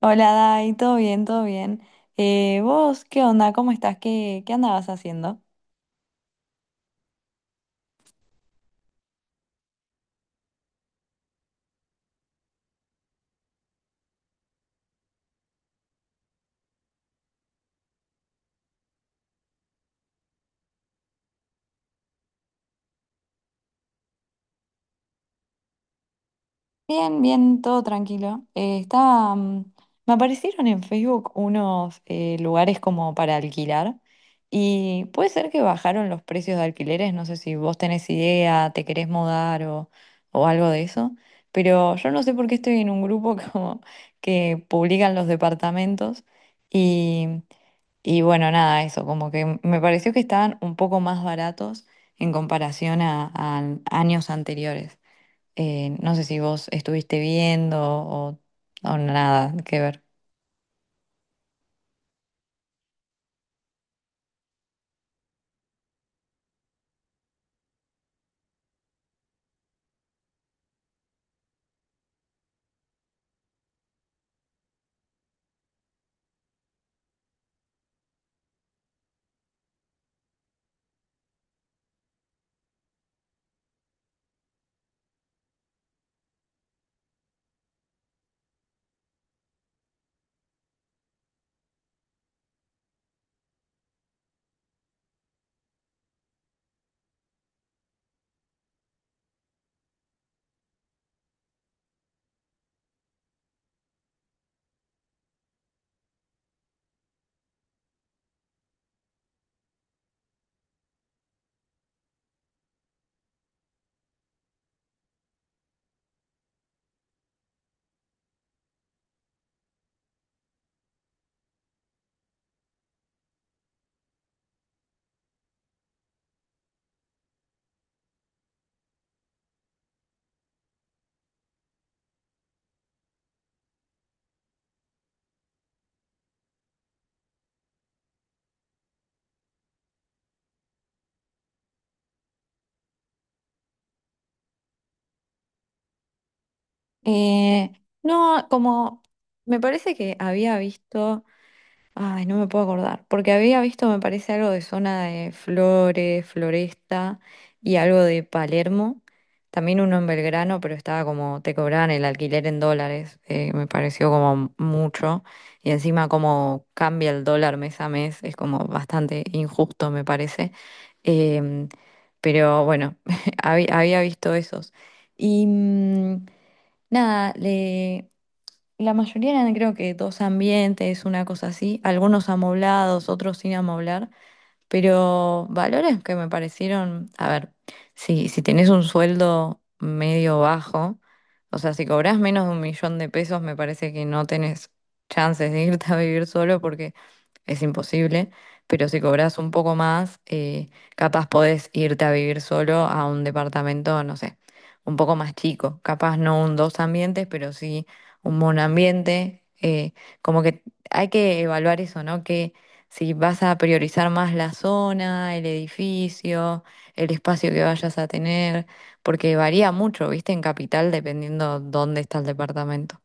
Hola, Dai, todo bien, todo bien. ¿Vos qué onda? ¿Cómo estás? ¿Qué andabas haciendo? Bien, bien, todo tranquilo. Estaba, me aparecieron en Facebook unos lugares como para alquilar y puede ser que bajaron los precios de alquileres, no sé si vos tenés idea, te querés mudar o, algo de eso, pero yo no sé por qué estoy en un grupo como que publican los departamentos. Y bueno, nada, eso, como que me pareció que estaban un poco más baratos en comparación a, años anteriores. No sé si vos estuviste viendo o nada que ver. Eh, no, como me parece que había visto. Ay, no me puedo acordar, porque había visto, me parece, algo de zona de Flores, Floresta y algo de Palermo. También uno en Belgrano, pero estaba como, te cobraban el alquiler en dólares, me pareció como mucho. Y encima como cambia el dólar mes a mes, es como bastante injusto, me parece. Em, pero bueno, había visto esos. Y nada, la mayoría eran creo que dos ambientes, una cosa así, algunos amoblados, otros sin amoblar, pero valores que me parecieron, a ver, si tenés un sueldo medio bajo, o sea, si cobrás menos de 1.000.000 de pesos, me parece que no tenés chances de irte a vivir solo porque es imposible. Pero si cobras un poco más, capaz podés irte a vivir solo a un departamento, no sé, un poco más chico. Capaz no un dos ambientes, pero sí un monoambiente. Como que hay que evaluar eso, ¿no? Si vas a priorizar más la zona, el edificio, el espacio que vayas a tener, porque varía mucho, viste, en capital dependiendo dónde está el departamento.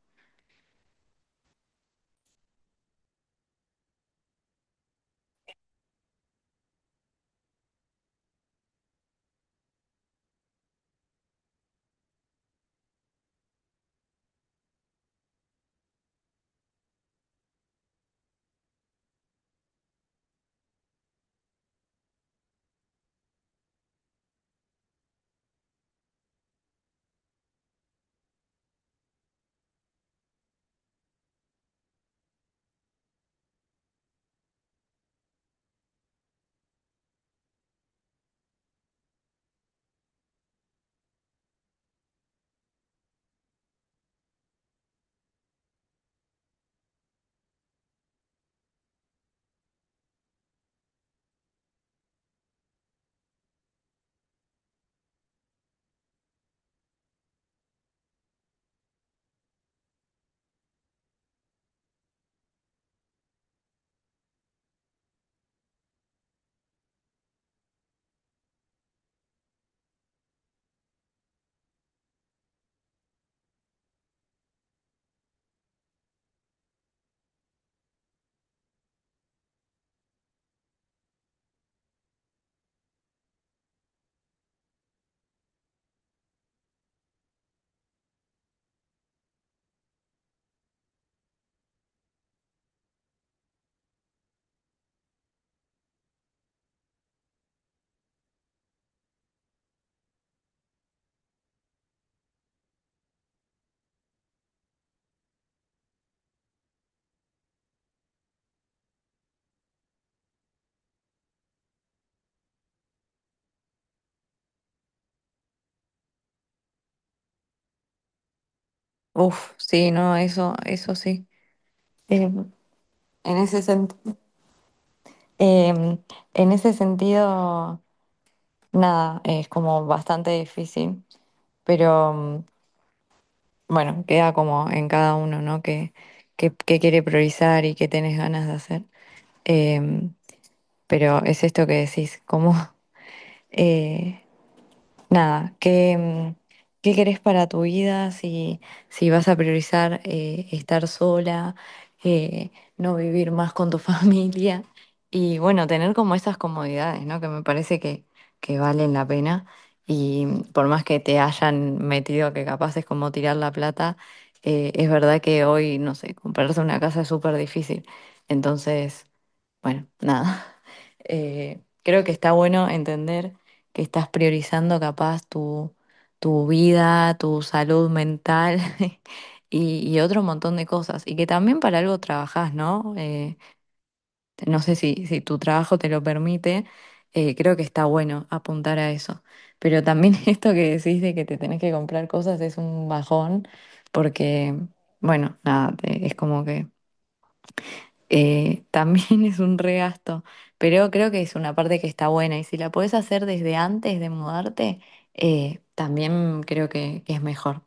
Uf, sí, no, eso sí. Eh, en ese sentido, en ese sentido, nada, es como bastante difícil, pero bueno, queda como en cada uno, ¿no? Que quiere priorizar y qué tenés ganas de hacer. Em, pero es esto que decís, como eh, nada, ¿qué querés para tu vida? Si, si vas a priorizar estar sola, eh, no vivir más con tu familia y bueno, tener como esas comodidades, ¿no? Que me parece que valen la pena y por más que te hayan metido que capaz es como tirar la plata, es verdad que hoy, no sé, comprarse una casa es súper difícil. Entonces... Bueno, nada. Creo que está bueno entender que estás priorizando capaz tu vida, tu salud mental y otro montón de cosas. Y que también para algo trabajás, ¿no? No sé si tu trabajo te lo permite, creo que está bueno apuntar a eso. Pero también esto que decís de que te tenés que comprar cosas es un bajón porque, bueno, nada, es como que también es un regasto, pero creo que es una parte que está buena y si la podés hacer desde antes de mudarte, también creo que es mejor.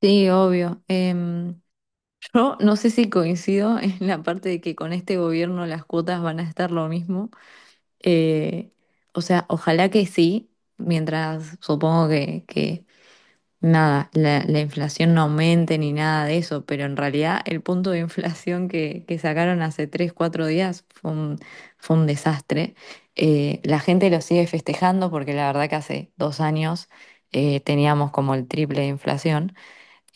Sí, obvio. Yo no sé si coincido en la parte de que con este gobierno las cuotas van a estar lo mismo. Eh, o sea, ojalá que sí, mientras supongo que nada, la inflación no aumente ni nada de eso, pero en realidad el punto de inflación que sacaron hace 3 4 días fue un, desastre. La gente lo sigue festejando porque la verdad que hace 2 años teníamos como el triple de inflación.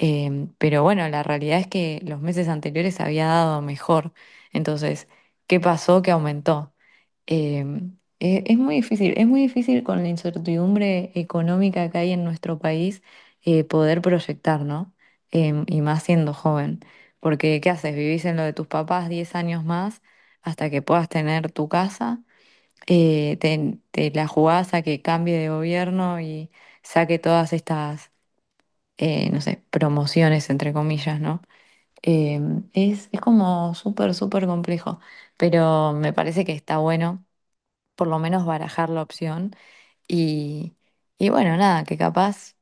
Pero bueno, la realidad es que los meses anteriores había dado mejor. Entonces, ¿qué pasó que aumentó? Es muy difícil con la incertidumbre económica que hay en nuestro país poder proyectar, ¿no? Y más siendo joven. Porque, ¿qué haces? Vivís en lo de tus papás 10 años más hasta que puedas tener tu casa. Te la jugás a que cambie de gobierno y saque todas estas no sé, promociones, entre comillas, ¿no? Eh, es como súper, súper complejo, pero me parece que está bueno por lo menos barajar la opción y, y bueno, nada, que capaz,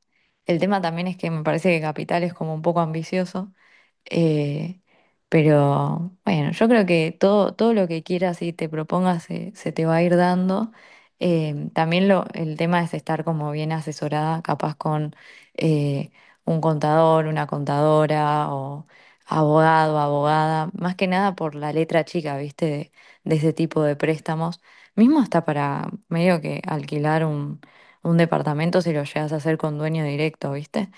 el tema también es que me parece que Capital es como un poco ambicioso eh, pero bueno, yo creo que todo lo que quieras y te propongas se te va a ir dando. También el tema es estar como bien asesorada, capaz con eh, un contador, una contadora o abogado, abogada, más que nada por la letra chica, ¿viste? De ese tipo de préstamos. Mismo hasta para medio que alquilar un departamento si lo llegas a hacer con dueño directo, ¿viste?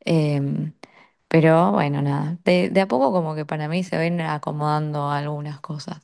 Em, pero bueno, nada, de a poco como que para mí se ven acomodando algunas cosas.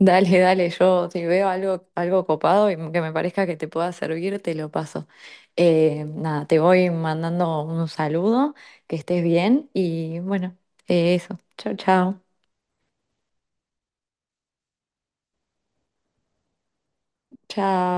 Dale, dale, yo si veo algo copado y que me parezca que te pueda servir, te lo paso. Nada, te voy mandando un saludo, que estés bien y bueno, eso. Chao, chao. Chao.